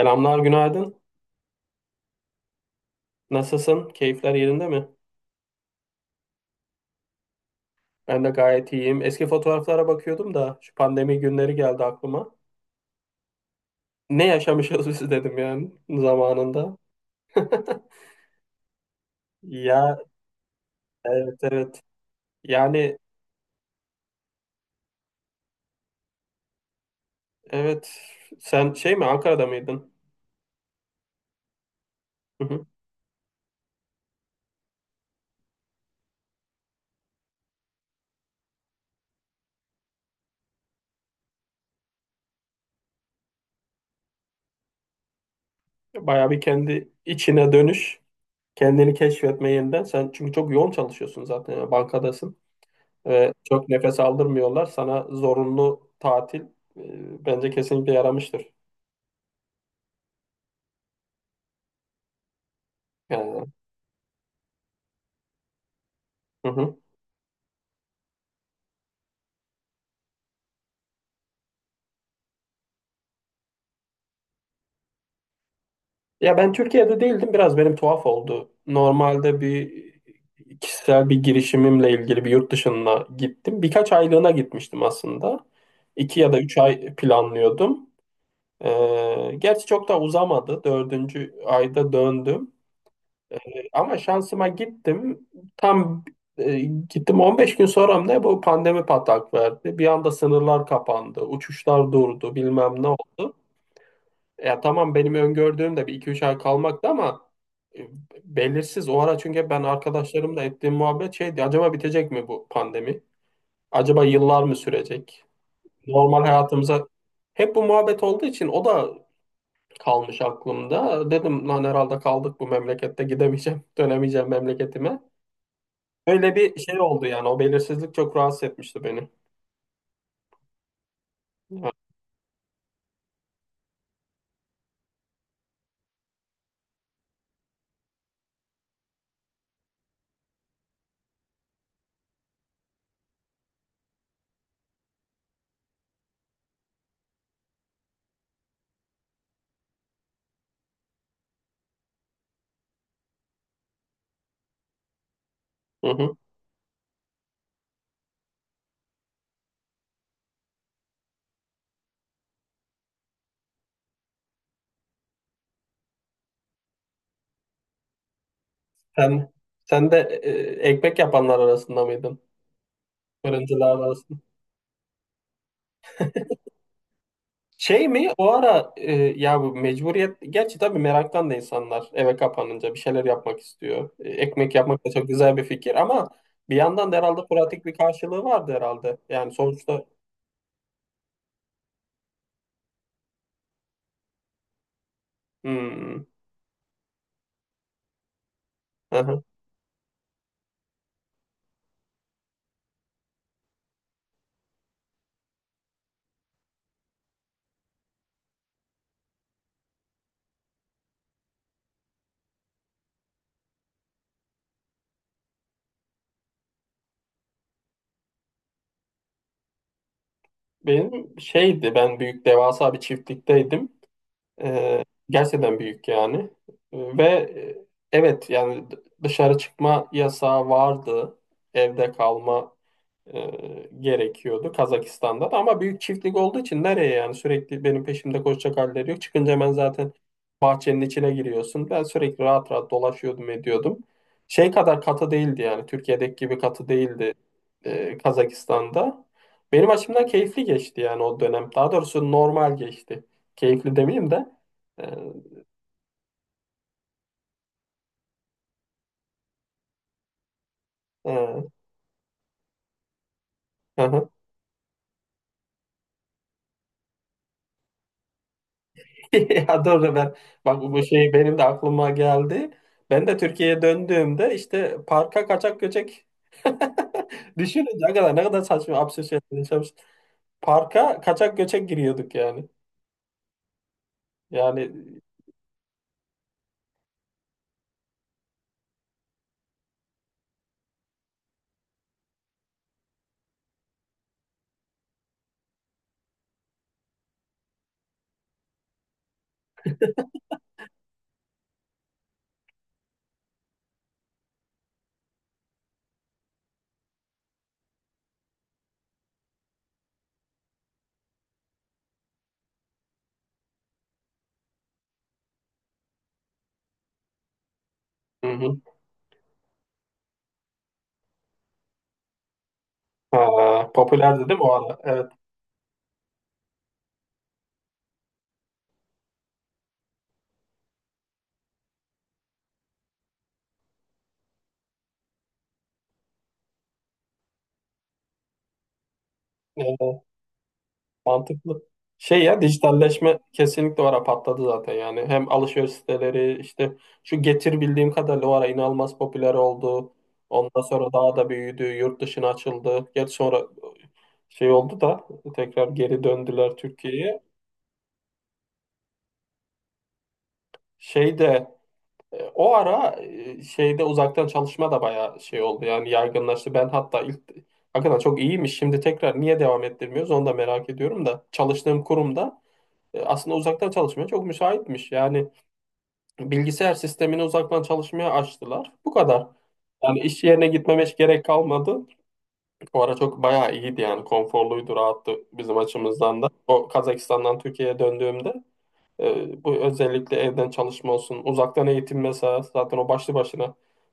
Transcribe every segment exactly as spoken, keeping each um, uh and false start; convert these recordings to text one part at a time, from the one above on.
Selamlar, günaydın. Nasılsın? Keyifler yerinde mi? Ben de gayet iyiyim. Eski fotoğraflara bakıyordum da şu pandemi günleri geldi aklıma. Ne yaşamışız biz dedim yani zamanında. Ya evet evet. Yani evet sen şey mi Ankara'da mıydın? Hı hı. Bayağı bir kendi içine dönüş, kendini keşfetme yeniden. Sen çünkü çok yoğun çalışıyorsun zaten yani bankadasın ve çok nefes aldırmıyorlar. Sana zorunlu tatil e, bence kesinlikle yaramıştır. Yani. Hı hı. Ya ben Türkiye'de değildim. Biraz benim tuhaf oldu. Normalde bir kişisel bir girişimimle ilgili bir yurt dışına gittim. Birkaç aylığına gitmiştim aslında. İki ya da üç ay planlıyordum. Ee, gerçi çok da uzamadı. Dördüncü ayda döndüm. Ama şansıma gittim. Tam e, gittim on beş gün sonra mı ne bu pandemi patlak verdi. Bir anda sınırlar kapandı. Uçuşlar durdu. Bilmem ne oldu. Ya tamam benim öngördüğüm de bir iki üç ay kalmaktı ama e, belirsiz o ara çünkü ben arkadaşlarımla ettiğim muhabbet şeydi, acaba bitecek mi bu pandemi? Acaba yıllar mı sürecek? Normal hayatımıza hep bu muhabbet olduğu için o da kalmış aklımda. Dedim lan herhalde kaldık bu memlekette, gidemeyeceğim, dönemeyeceğim memleketime. Öyle bir şey oldu yani, o belirsizlik çok rahatsız etmişti beni. Ha. Hı hı. Sen sen de e, ekmek yapanlar arasında mıydın? Fırıncılar arasında. Şey mi o ara e, ya bu mecburiyet, gerçi tabii meraktan da insanlar eve kapanınca bir şeyler yapmak istiyor. E, ekmek yapmak da çok güzel bir fikir ama bir yandan da herhalde pratik bir karşılığı vardı herhalde. Yani sonuçta. Hmm. Aha. Benim şeydi ben büyük devasa bir çiftlikteydim. E, gerçekten büyük yani. E, ve e, evet yani d- dışarı çıkma yasağı vardı. Evde kalma e, gerekiyordu Kazakistan'da da, ama büyük çiftlik olduğu için nereye yani, sürekli benim peşimde koşacak halleri yok. Çıkınca hemen zaten bahçenin içine giriyorsun. Ben sürekli rahat rahat dolaşıyordum, ediyordum. Şey kadar katı değildi yani, Türkiye'deki gibi katı değildi e, Kazakistan'da. Benim açımdan keyifli geçti yani o dönem. Daha doğrusu normal geçti. Keyifli demeyeyim de. E, e, hı hı. Ya doğru, ben bak bu şey benim de aklıma geldi. Ben de Türkiye'ye döndüğümde işte parka kaçak göçek düşününce ne kadar ne kadar saçma absürt şeyler yaşamış. Parka kaçak göçek giriyorduk yani. Yani. Hı hı. Ha, popülerdi değil mi o ara? Evet. Evet, evet. Mantıklı. Şey, ya dijitalleşme kesinlikle o ara patladı zaten yani. Hem alışveriş siteleri, işte şu Getir bildiğim kadarıyla o ara inanılmaz popüler oldu. Ondan sonra daha da büyüdü, yurt dışına açıldı. Gerçi sonra şey oldu da tekrar geri döndüler Türkiye'ye. Şeyde, e, o ara e, şeyde uzaktan çalışma da bayağı şey oldu yani, yaygınlaştı. Ben hatta ilk hakikaten çok iyiymiş. Şimdi tekrar niye devam ettirmiyoruz onu da merak ediyorum da, çalıştığım kurumda e, aslında uzaktan çalışmaya çok müsaitmiş. Yani bilgisayar sistemini uzaktan çalışmaya açtılar. Bu kadar. Yani iş yerine gitmeme hiç gerek kalmadı. O ara çok bayağı iyiydi yani, konforluydu, rahattı bizim açımızdan da. O Kazakistan'dan Türkiye'ye döndüğümde. Ee, bu özellikle evden çalışma olsun, uzaktan eğitim mesela zaten o başlı başına.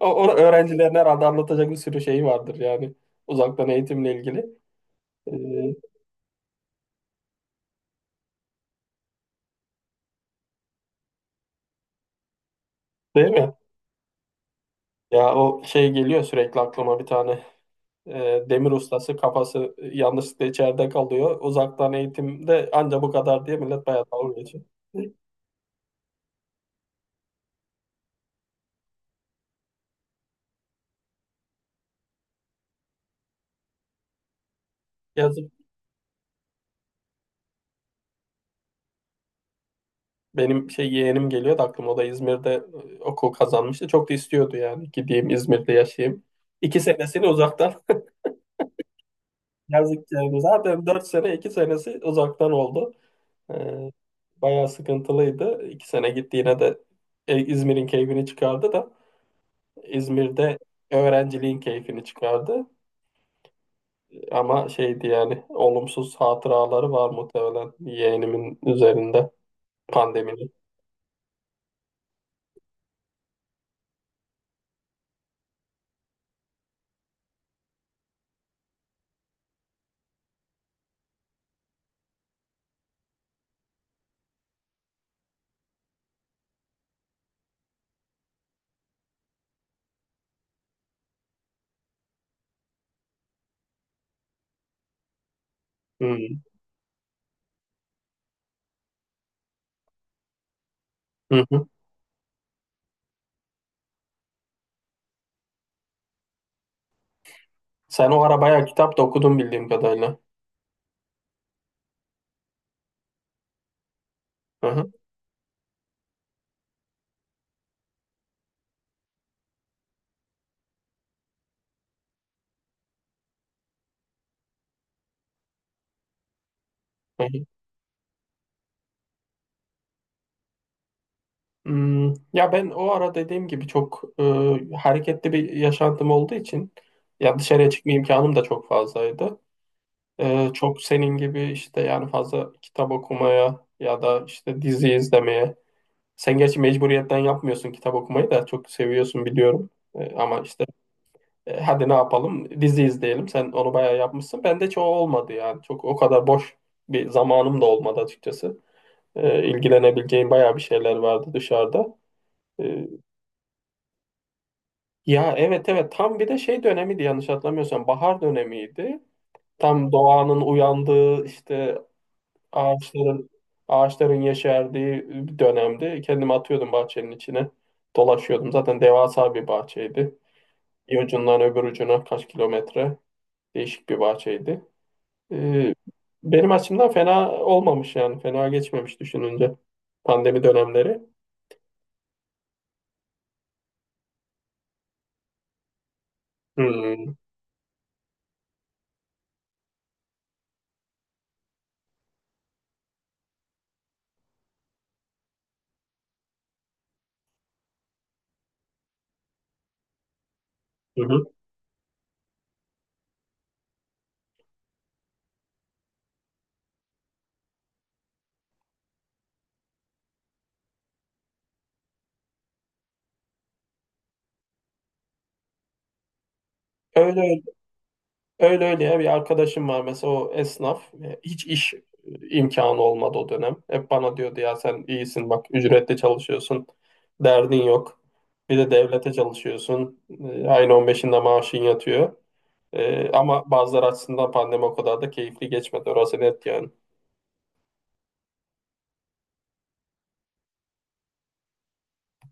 O, o öğrencilerin herhalde anlatacak bir sürü şeyi vardır yani uzaktan eğitimle ilgili. Ee, Değil mi? Ya o şey geliyor sürekli aklıma, bir tane Ee, demir ustası kafası yanlışlıkla içeride kalıyor. Uzaktan eğitimde anca bu kadar diye millet bayağı dalga geçiyor. Yazık. Benim şey yeğenim geliyor da aklıma, o da İzmir'de e, okul kazanmıştı. Çok da istiyordu yani, gideyim İzmir'de yaşayayım. İki senesini uzaktan. Yazdıklarımız zaten dört sene, iki senesi uzaktan oldu. Ee, Bayağı sıkıntılıydı. iki sene gitti yine de e, İzmir'in keyfini çıkardı da, İzmir'de öğrenciliğin keyfini çıkardı. Ama şeydi yani, olumsuz hatıraları var muhtemelen yeğenimin üzerinde pandeminin. Hmm. Hı hı. Sen o ara bayağı kitap da okudun bildiğim kadarıyla. Hı hı. Hmm, ya ben o ara dediğim gibi çok e, hareketli bir yaşantım olduğu için ya dışarıya çıkma imkanım da çok fazlaydı. E, çok senin gibi işte yani, fazla kitap okumaya ya da işte dizi izlemeye. Sen gerçi mecburiyetten yapmıyorsun, kitap okumayı da çok seviyorsun biliyorum. E, ama işte e, hadi ne yapalım dizi izleyelim. Sen onu bayağı yapmışsın. Bende çoğu olmadı yani. Çok o kadar boş bir zamanım da olmadı açıkçası. E, ilgilenebileceğim bayağı bir şeyler vardı dışarıda. E. Ya evet evet, tam bir de şey dönemiydi, yanlış hatırlamıyorsam bahar dönemiydi. Tam doğanın uyandığı işte, ağaçların ağaçların yeşerdiği bir dönemdi. Kendimi atıyordum bahçenin içine. Dolaşıyordum. Zaten devasa bir bahçeydi. Bir ucundan öbür ucuna kaç kilometre, değişik bir bahçeydi. Ee, Benim açımdan fena olmamış yani. Fena geçmemiş düşününce pandemi dönemleri. Hmm. Hı hı. Öyle Öyle öyle ya bir arkadaşım var mesela, o esnaf. E, hiç iş e, imkanı olmadı o dönem. Hep bana diyordu, ya sen iyisin bak, ücretle çalışıyorsun, derdin yok. Bir de devlete çalışıyorsun. E, ayın on beşinde maaşın yatıyor. E, ama bazıları açısından pandemi o kadar da keyifli geçmedi, orası net yani.